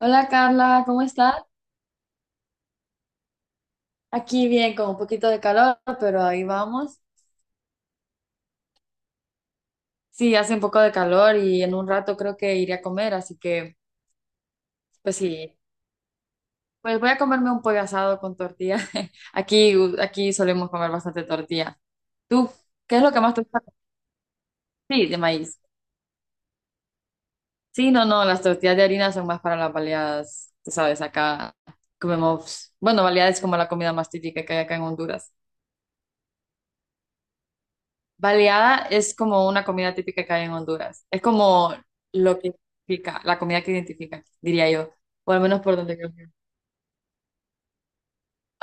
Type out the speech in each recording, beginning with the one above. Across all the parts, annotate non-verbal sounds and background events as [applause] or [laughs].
Hola Carla, ¿cómo estás? Aquí bien, con un poquito de calor, pero ahí vamos. Sí, hace un poco de calor y en un rato creo que iré a comer, así que pues sí, pues voy a comerme un pollo asado con tortilla. [laughs] Aquí, aquí solemos comer bastante tortilla. ¿Tú qué es lo que más te gusta? Sí, de maíz. Sí, no, no, las tortillas de harina son más para las baleadas, tú sabes, acá comemos, bueno, baleadas es como la comida más típica que hay acá en Honduras. Baleada es como una comida típica que hay en Honduras. Es como lo que identifica, la comida que identifica, diría yo, o al menos por donde creo.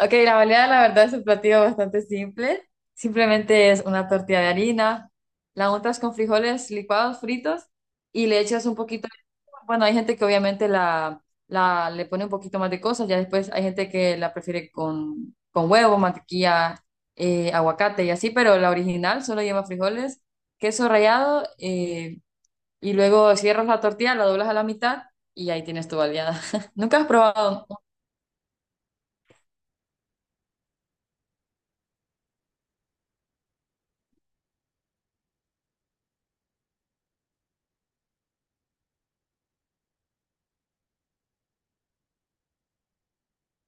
Ok, la baleada la verdad es un platillo bastante simple. Simplemente es una tortilla de harina, la untas con frijoles licuados, fritos, y le echas un poquito, bueno, hay gente que obviamente la le pone un poquito más de cosas, ya después hay gente que la prefiere con huevo, mantequilla, aguacate y así, pero la original solo lleva frijoles, queso rallado, y luego cierras la tortilla, la doblas a la mitad y ahí tienes tu baleada. [laughs] ¿Nunca has probado?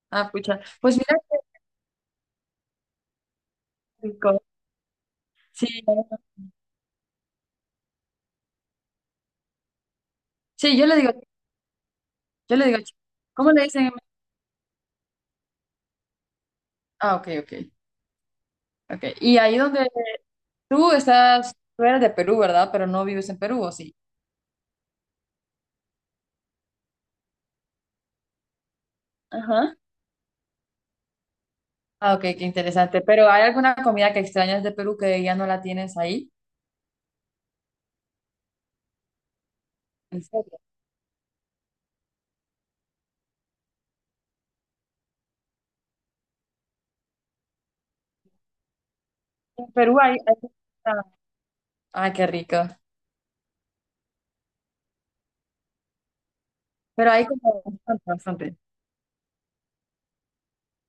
Ah, pucha. Pues mira qué rico. Sí, sí, yo le digo, ¿cómo le dicen en México? Ah, ok, ok, ok. Y ahí donde tú estás, tú eres de Perú, ¿verdad? Pero no vives en Perú, ¿o sí? Ajá. Ah, ok, qué interesante. Pero ¿hay alguna comida que extrañas de Perú que ya no la tienes ahí? ¿En serio? En Perú hay mucha- Ay, qué rico. Pero hay como bastante, bastante.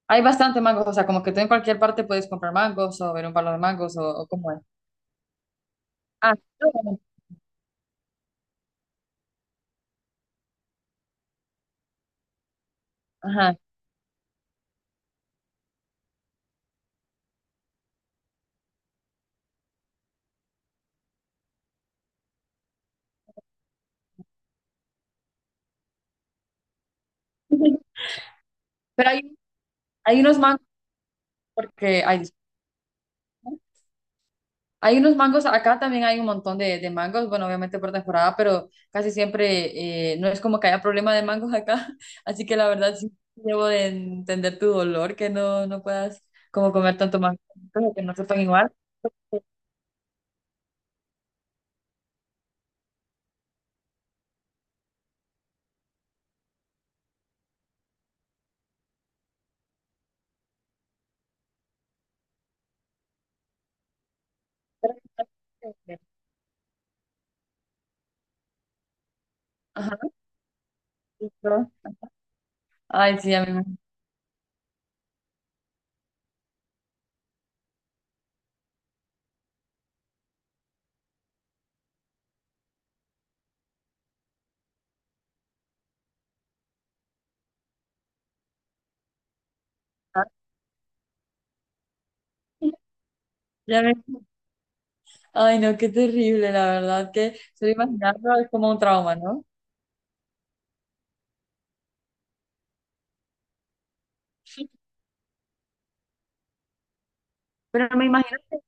Hay bastante mangos, o sea, como que tú en cualquier parte puedes comprar mangos o ver un palo de mangos o cómo es. Ah, sí, bueno, ajá. [laughs] Pero hay unos mangos porque, ay, disculpa. Hay unos mangos, acá también hay un montón de mangos, bueno, obviamente por temporada, pero casi siempre, no es como que haya problema de mangos acá, [laughs] así que la verdad sí debo de entender tu dolor, que no, no puedas como comer tanto mango, como que no sepan igual. Ajá, listo. Ay, sí, ya me encanta. Ya me- Ay, no, qué terrible, la verdad, que solo imaginando, es como un trauma, ¿no? Pero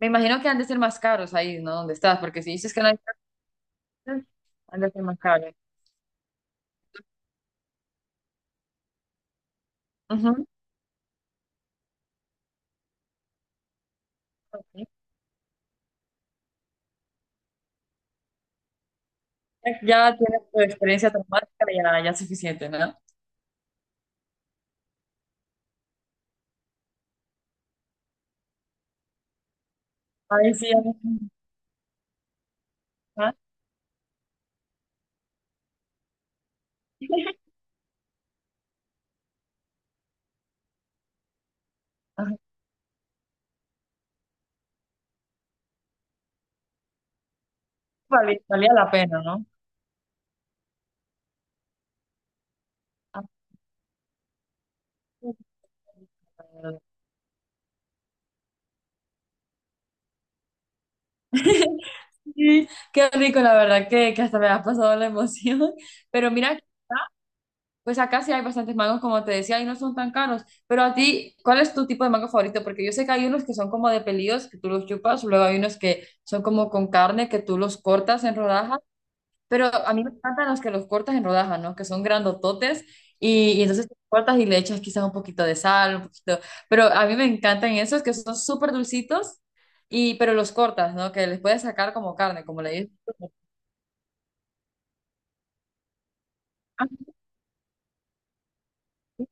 me imagino que han de ser más caros ahí, ¿no? Donde estás, porque si dices que no hay algo que más cabe. Ujú, ok. Ya ya tienes tu experiencia traumática, ya, ya es suficiente, ¿no? A ver si ya... no- ¿Ah? [laughs] Ajá, valía la pena, ¿no? Ah, sí, qué rico, la verdad, que hasta me ha pasado la emoción. Pero mira, pues acá sí hay bastantes mangos, como te decía, y no son tan caros. Pero a ti, ¿cuál es tu tipo de mango favorito? Porque yo sé que hay unos que son como de pelillos, que tú los chupas, luego hay unos que son como con carne, que tú los cortas en rodajas. Pero a mí me encantan los que los cortas en rodajas, ¿no? Que son grandototes y entonces los cortas y le echas quizás un poquito de sal, un poquito. Pero a mí me encantan esos que son súper dulcitos y pero los cortas, ¿no? Que les puedes sacar como carne, como le dices tú. Ah, sí,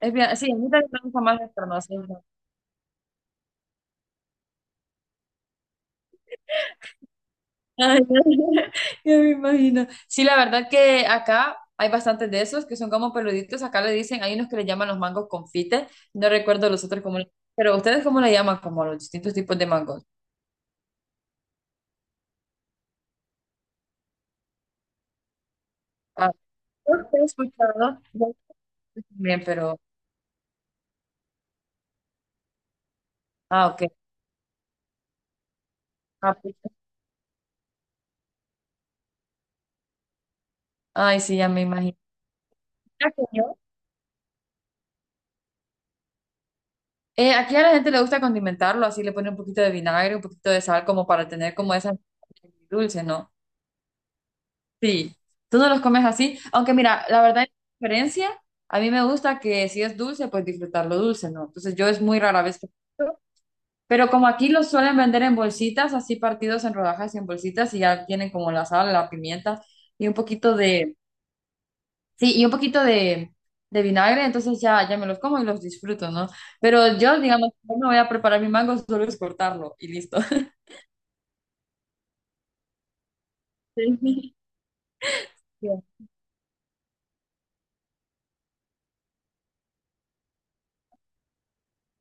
es bien, sí, a mí también me gusta más esto, no no. Ay, [laughs] ya me imagino. Sí, la verdad que acá hay bastantes de esos que son como peluditos. Acá le dicen, hay unos que le llaman los mangos confites. No recuerdo los otros cómo le- Pero ustedes cómo le llaman como los distintos tipos de mangos. Ah, no te he escuchado. Yo también, pero. Ah, ok. Ah, pues, ay, sí, ya me imagino. Mira que yo- aquí a la gente le gusta condimentarlo, así le pone un poquito de vinagre, un poquito de sal, como para tener como esa dulce, ¿no? Sí. Tú no los comes así. Aunque mira, la verdad, la diferencia, a mí me gusta que si es dulce, pues disfrutarlo dulce, ¿no? Entonces yo es muy rara vez que. Pero como aquí los suelen vender en bolsitas, así partidos en rodajas y en bolsitas, y ya tienen como la sal, la pimienta y un poquito de. Sí, y un poquito de vinagre, entonces ya, ya me los como y los disfruto, ¿no? Pero yo, digamos, no me voy a preparar mi mango, solo es cortarlo y listo. [laughs] Sí, bien.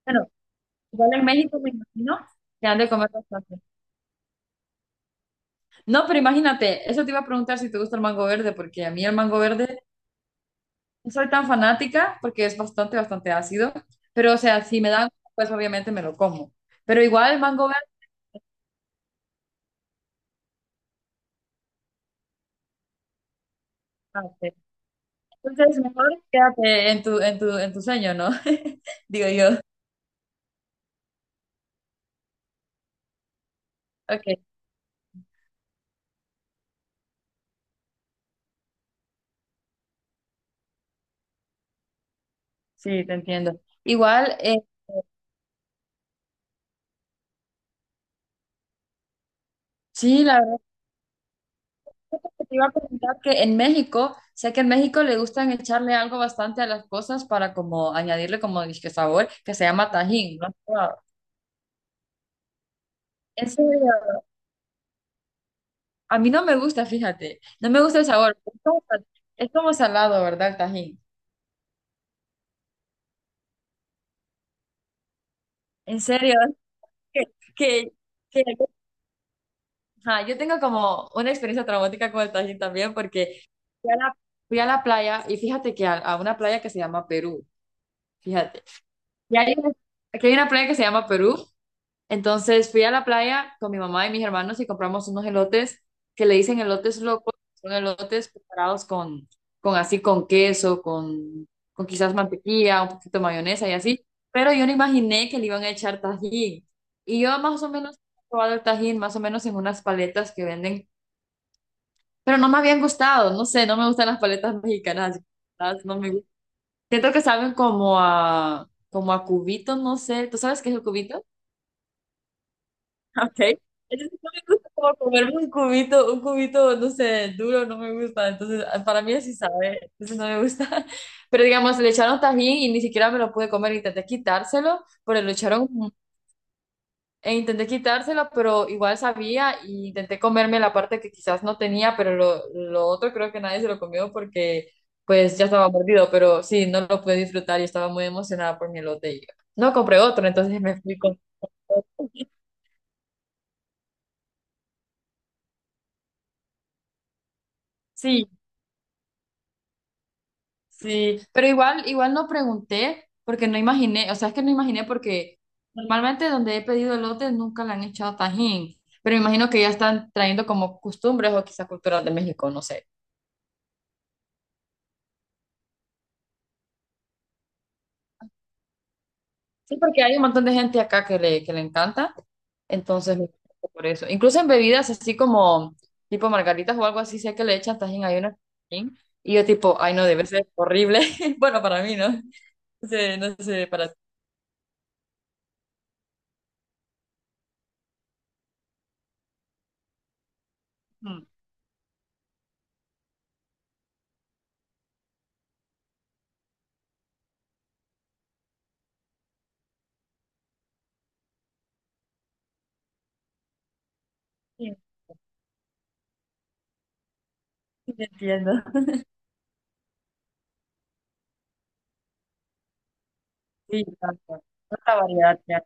Bueno, igual en México me imagino que han de comer bastante. No, pero imagínate, eso te iba a preguntar si te gusta el mango verde, porque a mí el mango verde no soy tan fanática porque es bastante, bastante ácido, pero o sea, si me dan, pues obviamente me lo como. Pero igual el mango verde, ah, ok, entonces mejor quédate en en tu sueño, ¿no? [laughs] Digo yo. Ok. Sí, te entiendo. Igual, sí, la verdad es que te iba a preguntar que en México, sé que en México le gustan echarle algo bastante a las cosas para como añadirle como disque sabor, que se llama Tajín, ¿no? En serio, a mí no me gusta, fíjate, no me gusta el sabor, es como, sal- es como salado, ¿verdad, el Tajín? En serio, es que, que, que- ajá, yo tengo como una experiencia traumática con el Tajín también porque fui a la, fui a la playa y fíjate que a una playa que se llama Perú. Fíjate. Y hay una- aquí hay una playa que se llama Perú. Entonces fui a la playa con mi mamá y mis hermanos y compramos unos elotes que le dicen elotes locos. Son elotes preparados con así, con quizás mantequilla, un poquito de mayonesa y así. Pero yo no imaginé que le iban a echar tajín. Y yo más o menos he probado el tajín, más o menos en unas paletas que venden. Pero no me habían gustado. No sé, no me gustan las paletas mexicanas. Las- No me siento que saben como a, como a cubitos, no sé. ¿Tú sabes qué es el cubito? [laughs] Okay. Entonces no me gusta como comerme un cubito, no sé, duro, no me gusta. Entonces, ah, para mí así sabe, entonces no me gusta. [laughs] Pero digamos, le echaron tajín y ni siquiera me lo pude comer, intenté quitárselo, pero le echaron e intenté quitárselo, pero igual sabía y intenté comerme la parte que quizás no tenía, pero lo otro creo que nadie se lo comió porque pues ya estaba mordido, pero sí, no lo pude disfrutar y estaba muy emocionada por mi elote. Y no compré otro, entonces me fui con... [laughs] Sí, sí, pero igual, igual no pregunté porque no imaginé, o sea, es que no imaginé porque normalmente donde he pedido elotes nunca le han echado tajín, pero me imagino que ya están trayendo como costumbres o quizás culturas de México, no sé. Sí, porque hay un montón de gente acá que le encanta, entonces me gusta por eso. Incluso en bebidas así como tipo margaritas o algo así, sé que le echan tajín, hay una tajín, y yo tipo, ay no, debe ser horrible. [laughs] Bueno, para mí, ¿no? No sé, no sé, para ti. Mm. Sí, sí te entiendo. Sí, tanto. Tanta variedad ya.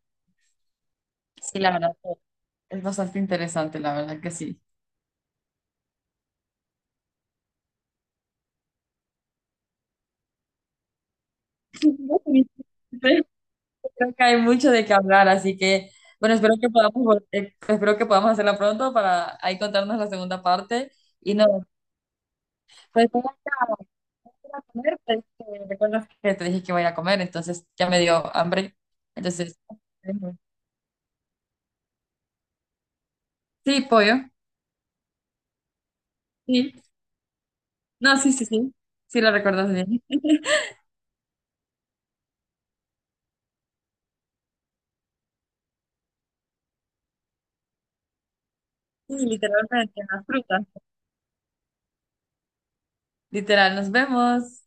Sí, la verdad que es bastante interesante, la verdad que sí. [laughs] Creo que hay mucho de qué hablar, así que, bueno, espero que podamos, vol- espero que podamos hacerla pronto para ahí contarnos la segunda parte. Y no, pues tengo que ir a comer, pues, recuerdas que te dije que voy a ir a comer, entonces ya me dio hambre. Entonces, [laughs] sí, pollo, sí. No, sí, sí, sí, sí lo recuerdas bien. [laughs] Sí, literalmente, las frutas. Literal, nos vemos.